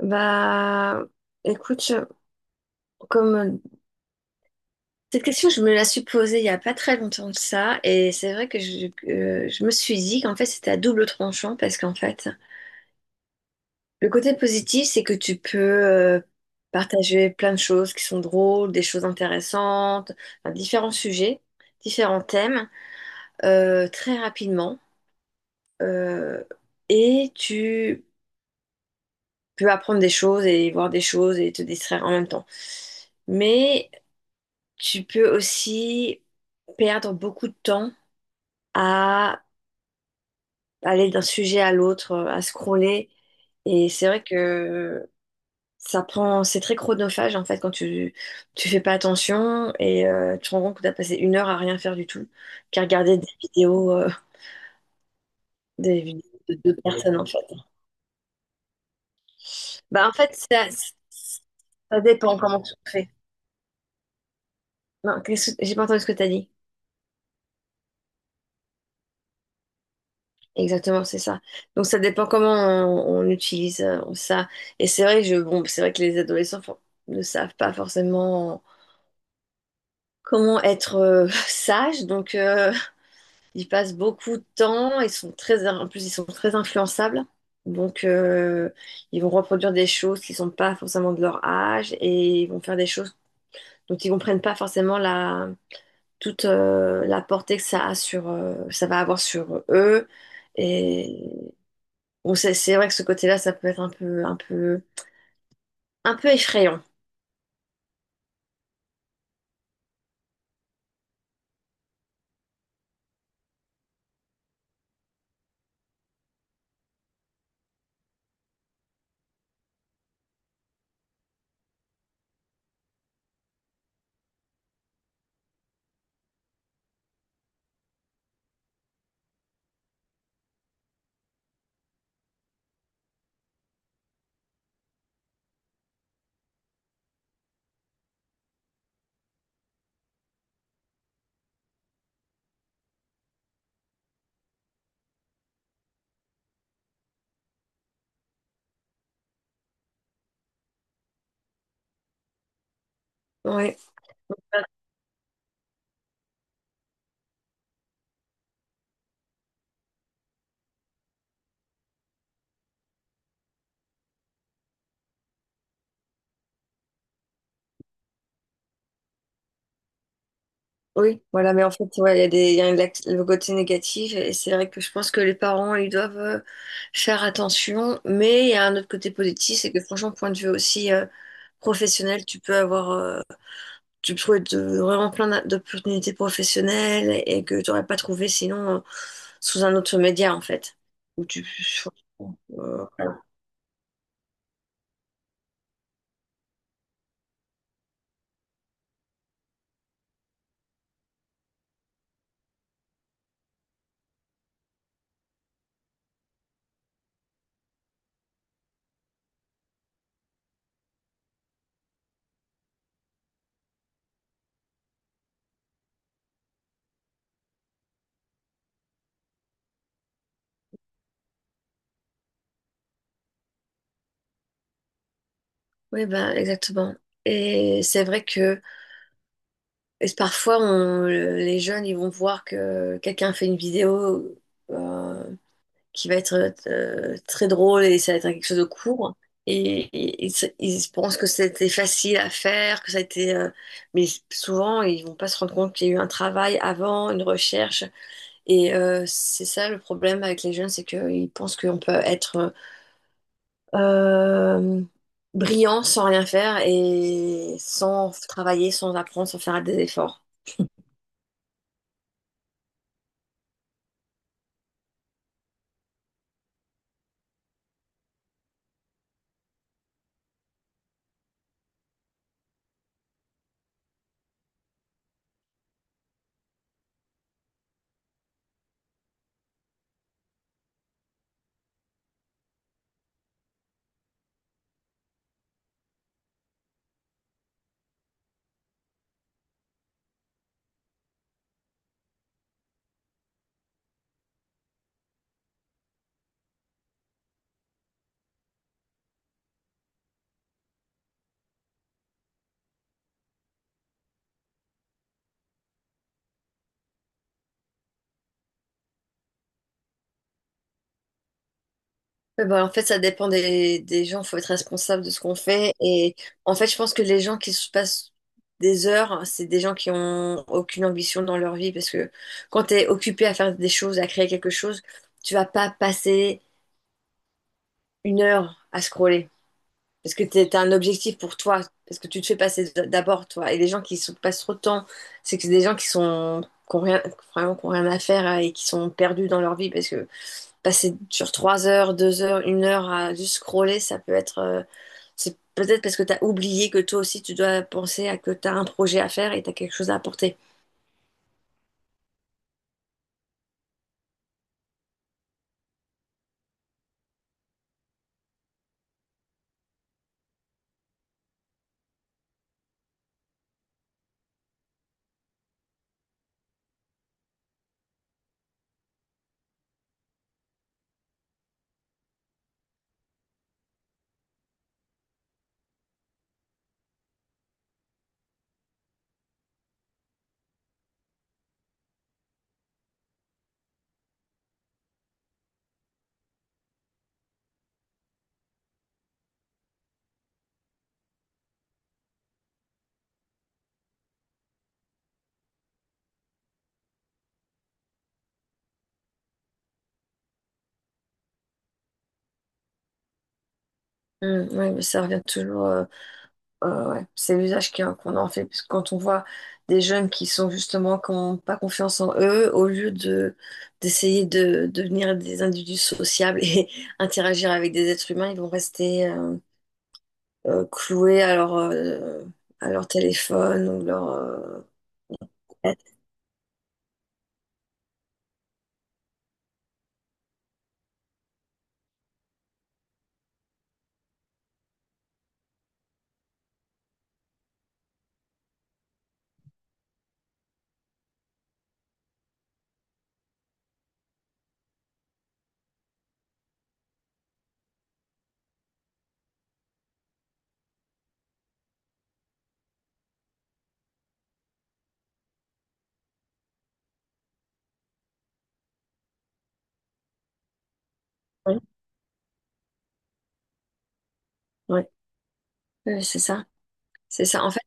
Bah, écoute, comme cette question, je me la suis posée il n'y a pas très longtemps de ça, et c'est vrai que que je me suis dit qu'en fait c'était à double tranchant parce qu'en fait, le côté positif, c'est que tu peux partager plein de choses qui sont drôles, des choses intéressantes, enfin, différents sujets, différents thèmes, très rapidement, euh, et tu peux apprendre des choses et voir des choses et te distraire en même temps. Mais tu peux aussi perdre beaucoup de temps à aller d'un sujet à l'autre, à scroller. Et c'est vrai que c'est très chronophage en fait quand tu fais pas attention et tu te rends compte que tu as passé une heure à rien faire du tout qu'à regarder des vidéos de deux personnes en fait. Bah en fait, ça dépend comment tu le fais. Non, j'ai pas entendu ce que tu as dit. Exactement, c'est ça. Donc ça dépend comment on utilise ça. Et c'est vrai que bon, c'est vrai que les adolescents ne savent pas forcément comment être sages. Donc ils passent beaucoup de temps. En plus ils sont très influençables. Donc ils vont reproduire des choses qui sont pas forcément de leur âge et ils vont faire des choses dont ils comprennent pas forcément la portée que ça va avoir sur eux. Et bon, c'est vrai que ce côté-là, ça peut être un peu, un peu, un peu effrayant. Oui, oui, voilà, mais en fait, ouais, il y a des, il y a une- le côté négatif, et c'est vrai que je pense que les parents, ils doivent faire attention, mais il y a un autre côté positif, c'est que franchement, point de vue aussi professionnel, tu peux trouver vraiment plein d'opportunités professionnelles et que tu n'aurais pas trouvé sinon sous un autre média, en fait. Où tu, euh, oui, ben, exactement. Et c'est vrai que Et parfois, les jeunes, ils vont voir que quelqu'un fait une vidéo euh, qui va être très drôle et ça va être quelque chose de court. Ils pensent que c'était facile à faire, que ça a été... mais souvent, ils vont pas se rendre compte qu'il y a eu un travail avant, une recherche. C'est ça le problème avec les jeunes, c'est qu'ils pensent qu'on peut être euh, brillant sans rien faire et sans travailler, sans apprendre, sans faire des efforts. Ouais, bah, en fait, ça dépend des gens. Il faut être responsable de ce qu'on fait. Et en fait, je pense que les gens qui se passent des heures, c'est des gens qui ont aucune ambition dans leur vie. Parce que quand tu es occupé à faire des choses, à créer quelque chose, tu vas pas passer une heure à scroller. Parce que tu as un objectif pour toi. Parce que tu te fais passer d'abord, toi. Et les gens qui se passent trop de temps, c'est que c'est des gens qui sont, qui ont rien, vraiment, qui ont rien à faire et qui sont perdus dans leur vie. Parce que passer sur 3 heures, 2 heures, une heure à juste scroller, ça peut être. C'est peut-être parce que tu as oublié que toi aussi, tu dois penser à que tu as un projet à faire et tu as quelque chose à apporter. Oui, mais ça revient toujours. Ouais. C'est l'usage qu'on en fait. Parce que quand on voit des jeunes qui sont justement, qui n'ont pas confiance en eux, au lieu de d'essayer de devenir des individus sociables et interagir avec des êtres humains, ils vont rester cloués à leur téléphone ou leur. Tablette. Ouais, ouais, c'est ça. C'est ça. En fait,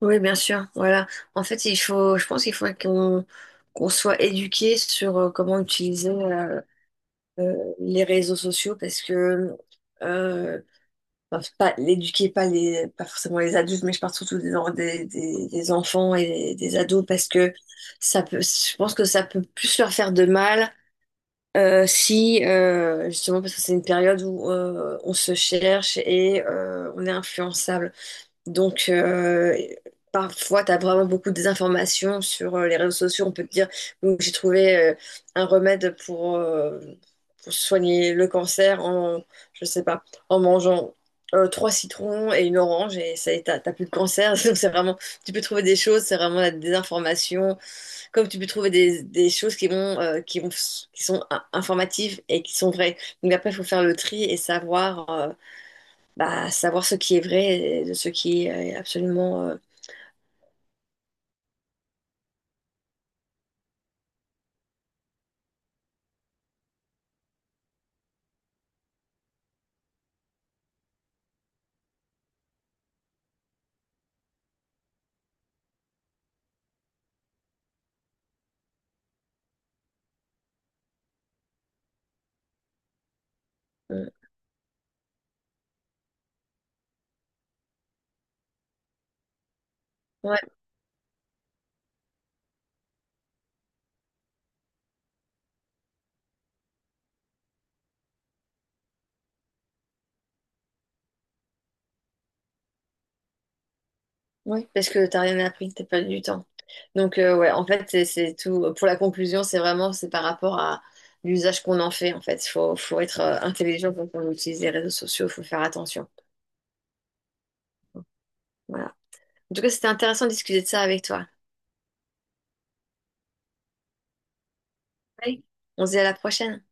oui, bien sûr. Voilà. En fait, je pense qu'il faut qu'on soit éduqué sur comment utiliser euh, les réseaux sociaux parce que, euh, enfin, c'est pas l'éduquer, pas pas forcément les adultes, mais je parle surtout des enfants et des ados parce que je pense que ça peut plus leur faire de mal. Si justement parce que c'est une période où on se cherche et on est influençable. Donc, parfois, tu as vraiment beaucoup de désinformations sur les réseaux sociaux. On peut te dire, donc j'ai trouvé un remède pour soigner le cancer je sais pas, en mangeant trois citrons et une orange et ça y est, t'as plus de cancer. Donc, c'est vraiment, tu peux trouver des choses, c'est vraiment la désinformation. Comme tu peux trouver des choses qui sont informatives et qui sont vraies. Donc, après, il faut faire le tri et savoir. Bah, savoir ce qui est vrai et de ce qui est absolument. Euh, ouais, ouais, parce que t'as rien appris, t'as perdu du temps. Donc, ouais, en fait, c'est tout. Pour la conclusion, c'est par rapport à l'usage qu'on en fait, en fait. Faut être intelligent quand on utilise les réseaux sociaux, faut faire attention. Voilà. En tout cas, c'était intéressant de discuter de ça avec toi. On se dit à la prochaine.